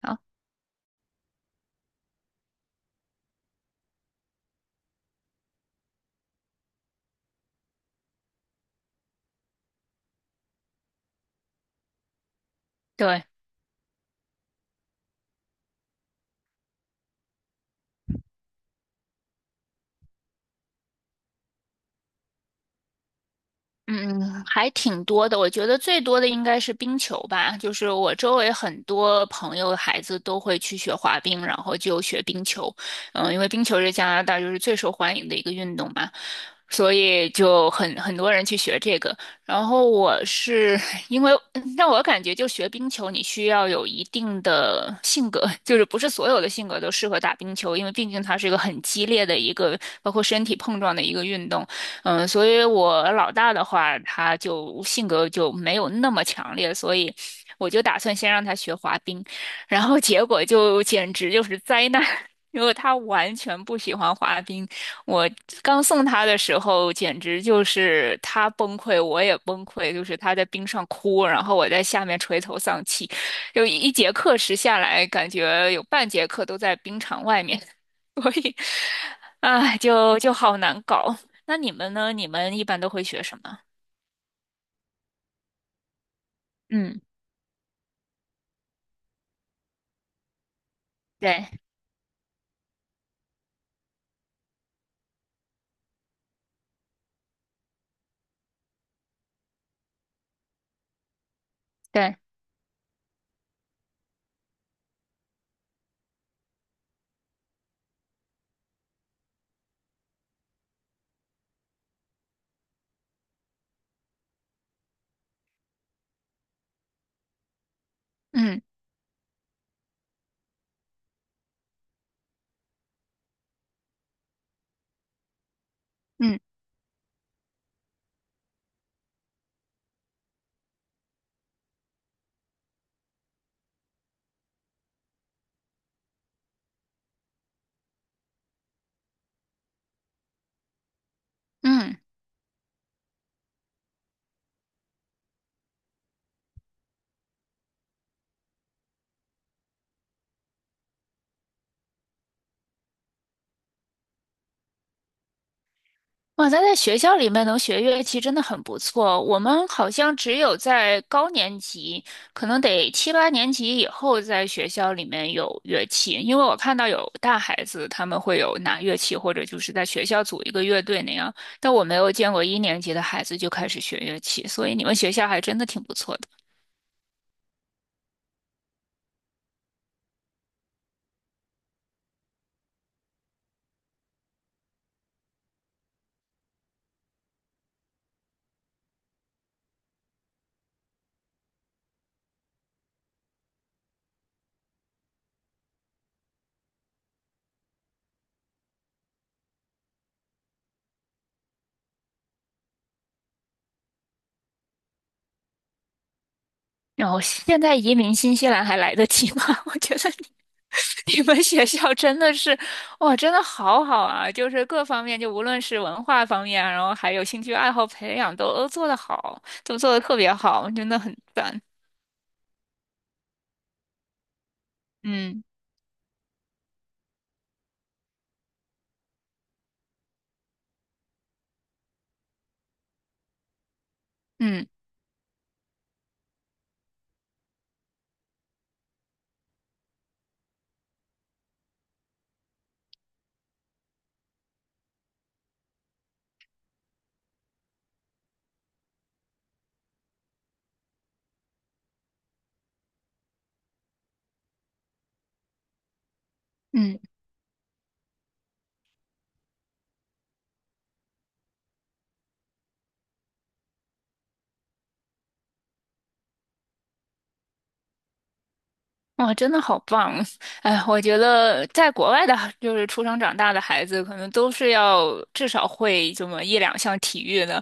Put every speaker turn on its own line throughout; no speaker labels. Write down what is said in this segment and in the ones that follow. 啊，对，嗯，还挺多的。我觉得最多的应该是冰球吧，就是我周围很多朋友的孩子都会去学滑冰，然后就学冰球。嗯，因为冰球是加拿大就是最受欢迎的一个运动嘛，所以就很多人去学这个。然后我是 因为，让我感觉就学冰球，你需要有一定的性格，就是不是所有的性格都适合打冰球，因为毕竟它是一个很激烈的一个，包括身体碰撞的一个运动。嗯，所以我老大的话，他就性格就没有那么强烈，所以我就打算先让他学滑冰，然后结果就简直就是灾难，因为他完全不喜欢滑冰。我刚送他的时候，简直就是他崩溃，我也崩溃，就是他在冰上哭，然后我在下面垂头丧气，就一节课时下来，感觉有半节课都在冰场外面。所以，哎，就好难搞。那你们呢？你们一般都会学什么？嗯，对对，嗯嗯嗯，哇，咱在学校里面能学乐器真的很不错。我们好像只有在高年级，可能得七八年级以后，在学校里面有乐器。因为我看到有大孩子他们会有拿乐器，或者就是在学校组一个乐队那样，但我没有见过一年级的孩子就开始学乐器，所以你们学校还真的挺不错的。然后现在移民新西兰还来得及吗？我觉得你们学校真的是，哇，真的好好啊！就是各方面，就无论是文化方面啊然后还有兴趣爱好培养，都做得好，都做得特别好，真的很赞。嗯嗯嗯。哇，真的好棒！哎，我觉得在国外的，就是出生长大的孩子，可能都是要至少会这么一两项体育的。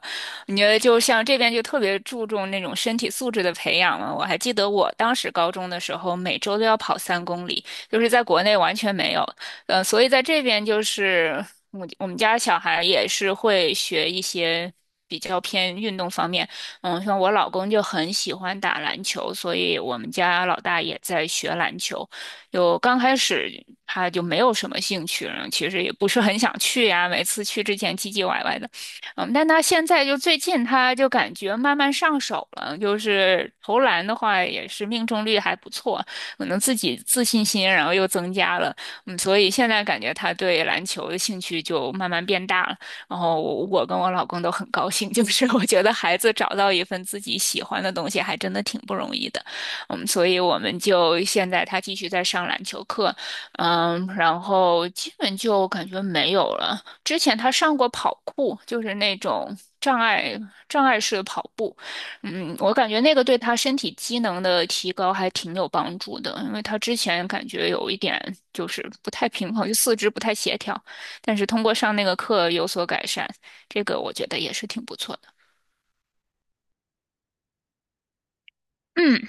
你觉得，就像这边就特别注重那种身体素质的培养嘛？我还记得我当时高中的时候，每周都要跑3公里，就是在国内完全没有。所以在这边就是我们家小孩也是会学一些比较偏运动方面。嗯，像我老公就很喜欢打篮球，所以我们家老大也在学篮球。就刚开始他就没有什么兴趣，然后其实也不是很想去呀，每次去之前唧唧歪歪的。嗯，但他现在就最近他就感觉慢慢上手了，就是投篮的话也是命中率还不错，可能自己自信心然后又增加了。嗯，所以现在感觉他对篮球的兴趣就慢慢变大了。然后我跟我老公都很高兴，就是我觉得孩子找到一份自己喜欢的东西，还真的挺不容易的。嗯，所以我们就现在他继续在上篮球课，嗯，然后基本就感觉没有了。之前他上过跑酷，就是那种障碍式跑步，嗯，我感觉那个对他身体机能的提高还挺有帮助的，因为他之前感觉有一点就是不太平衡，就四肢不太协调。但是通过上那个课有所改善，这个我觉得也是挺不错的。嗯，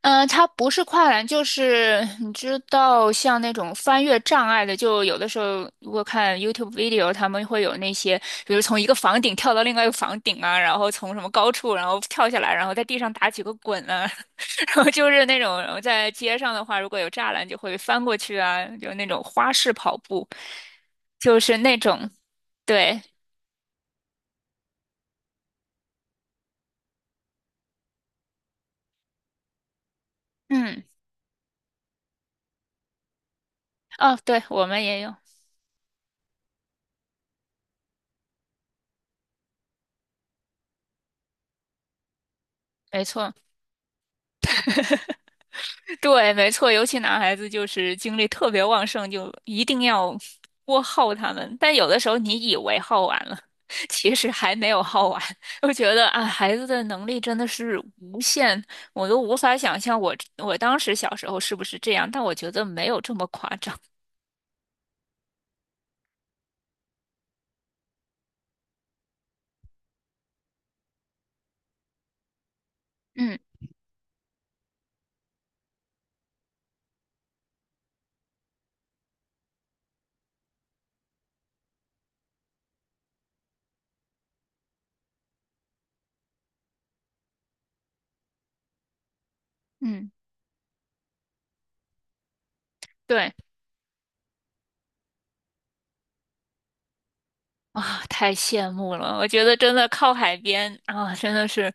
它不是跨栏，就是你知道，像那种翻越障碍的，就有的时候如果看 YouTube video，他们会有那些，比如从一个房顶跳到另外一个房顶啊，然后从什么高处然后跳下来，然后在地上打几个滚啊，然后就是那种，然后在街上的话，如果有栅栏就会翻过去啊，就那种花式跑步，就是那种，对，嗯，哦，对，我们也有。没错，对，没错，尤其男孩子就是精力特别旺盛，就一定要多耗他们。但有的时候你以为耗完了，其实还没有耗完。我觉得啊，孩子的能力真的是无限，我都无法想象我当时小时候是不是这样，但我觉得没有这么夸张。嗯嗯，对。啊，太羡慕了！我觉得真的靠海边啊，真的是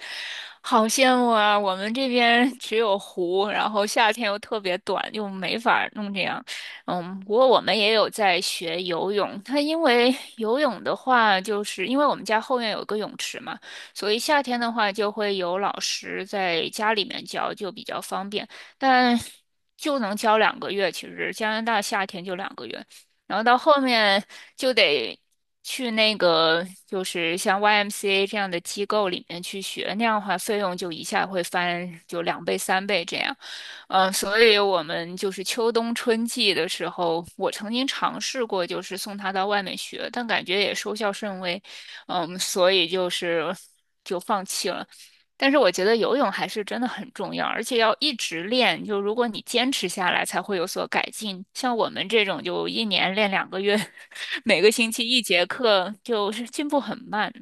好羡慕啊。我们这边 只有湖，然后夏天又特别短，又没法儿弄这样。嗯，不过我们也有在学游泳。它因为游泳的话，就是因为我们家后院有个泳池嘛，所以夏天的话就会有老师在家里面教，就比较方便。但 就能教2个月，其实加拿大夏天就两个月。然后到后面就得去那个，就是像 YMCA 这样的机构里面去学，那样的话费用就一下会翻就2倍、3倍这样。嗯，所以我们就是秋冬春季的时候，我曾经尝试过，就是送他到外面学，但感觉也收效甚微，嗯，所以就是就放弃了。但是我觉得游泳还是真的很重要，而且要一直练，就如果你坚持下来，才会有所改进。像我们这种就一年练两个月，每个星期一节课，就是进步很慢。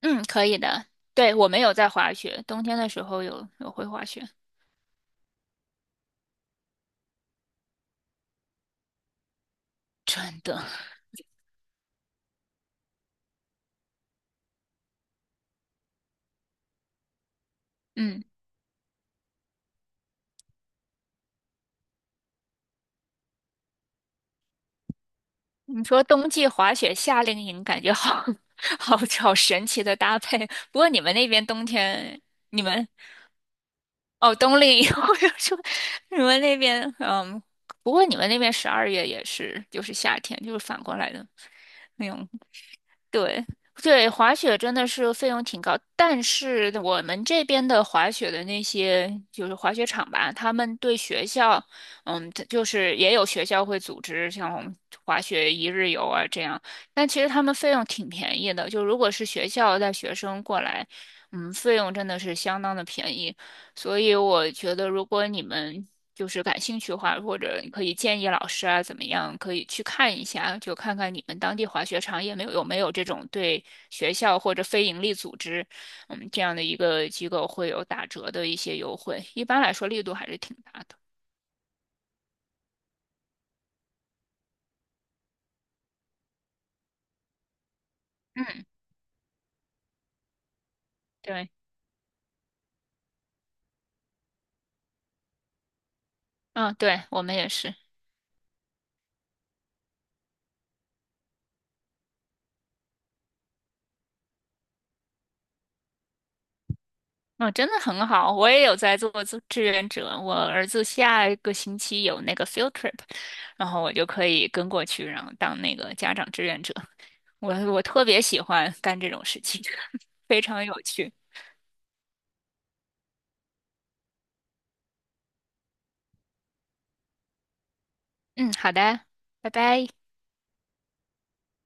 嗯，可以的。对，我们有在滑雪，冬天的时候有会滑雪，真的，嗯。你说冬季滑雪、夏令营，感觉好 好好神奇的搭配。不过你们那边冬天，你们哦冬令营，我就说你们那边嗯，不过你们那边12月也是就是夏天，就是反过来的那种。对对，滑雪真的是费用挺高，但是我们这边的滑雪的那些就是滑雪场吧，他们对学校，嗯，它就是也有学校会组织像滑雪一日游啊这样，但其实他们费用挺便宜的，就如果是学校带学生过来，嗯，费用真的是相当的便宜。所以我觉得，如果你们就是感兴趣的话，或者你可以建议老师啊，怎么样，可以去看一下，就看看你们当地滑雪场也没有有没有这种对学校或者非盈利组织，嗯，这样的一个机构会有打折的一些优惠。一般来说，力度还是挺大的。嗯，对，嗯，对，我们也是。嗯，真的很好，我也有在做志愿者。我儿子下一个星期有那个 field trip，然后我就可以跟过去，然后当那个家长志愿者。我特别喜欢干这种事情，非常有趣。嗯，好的，拜拜。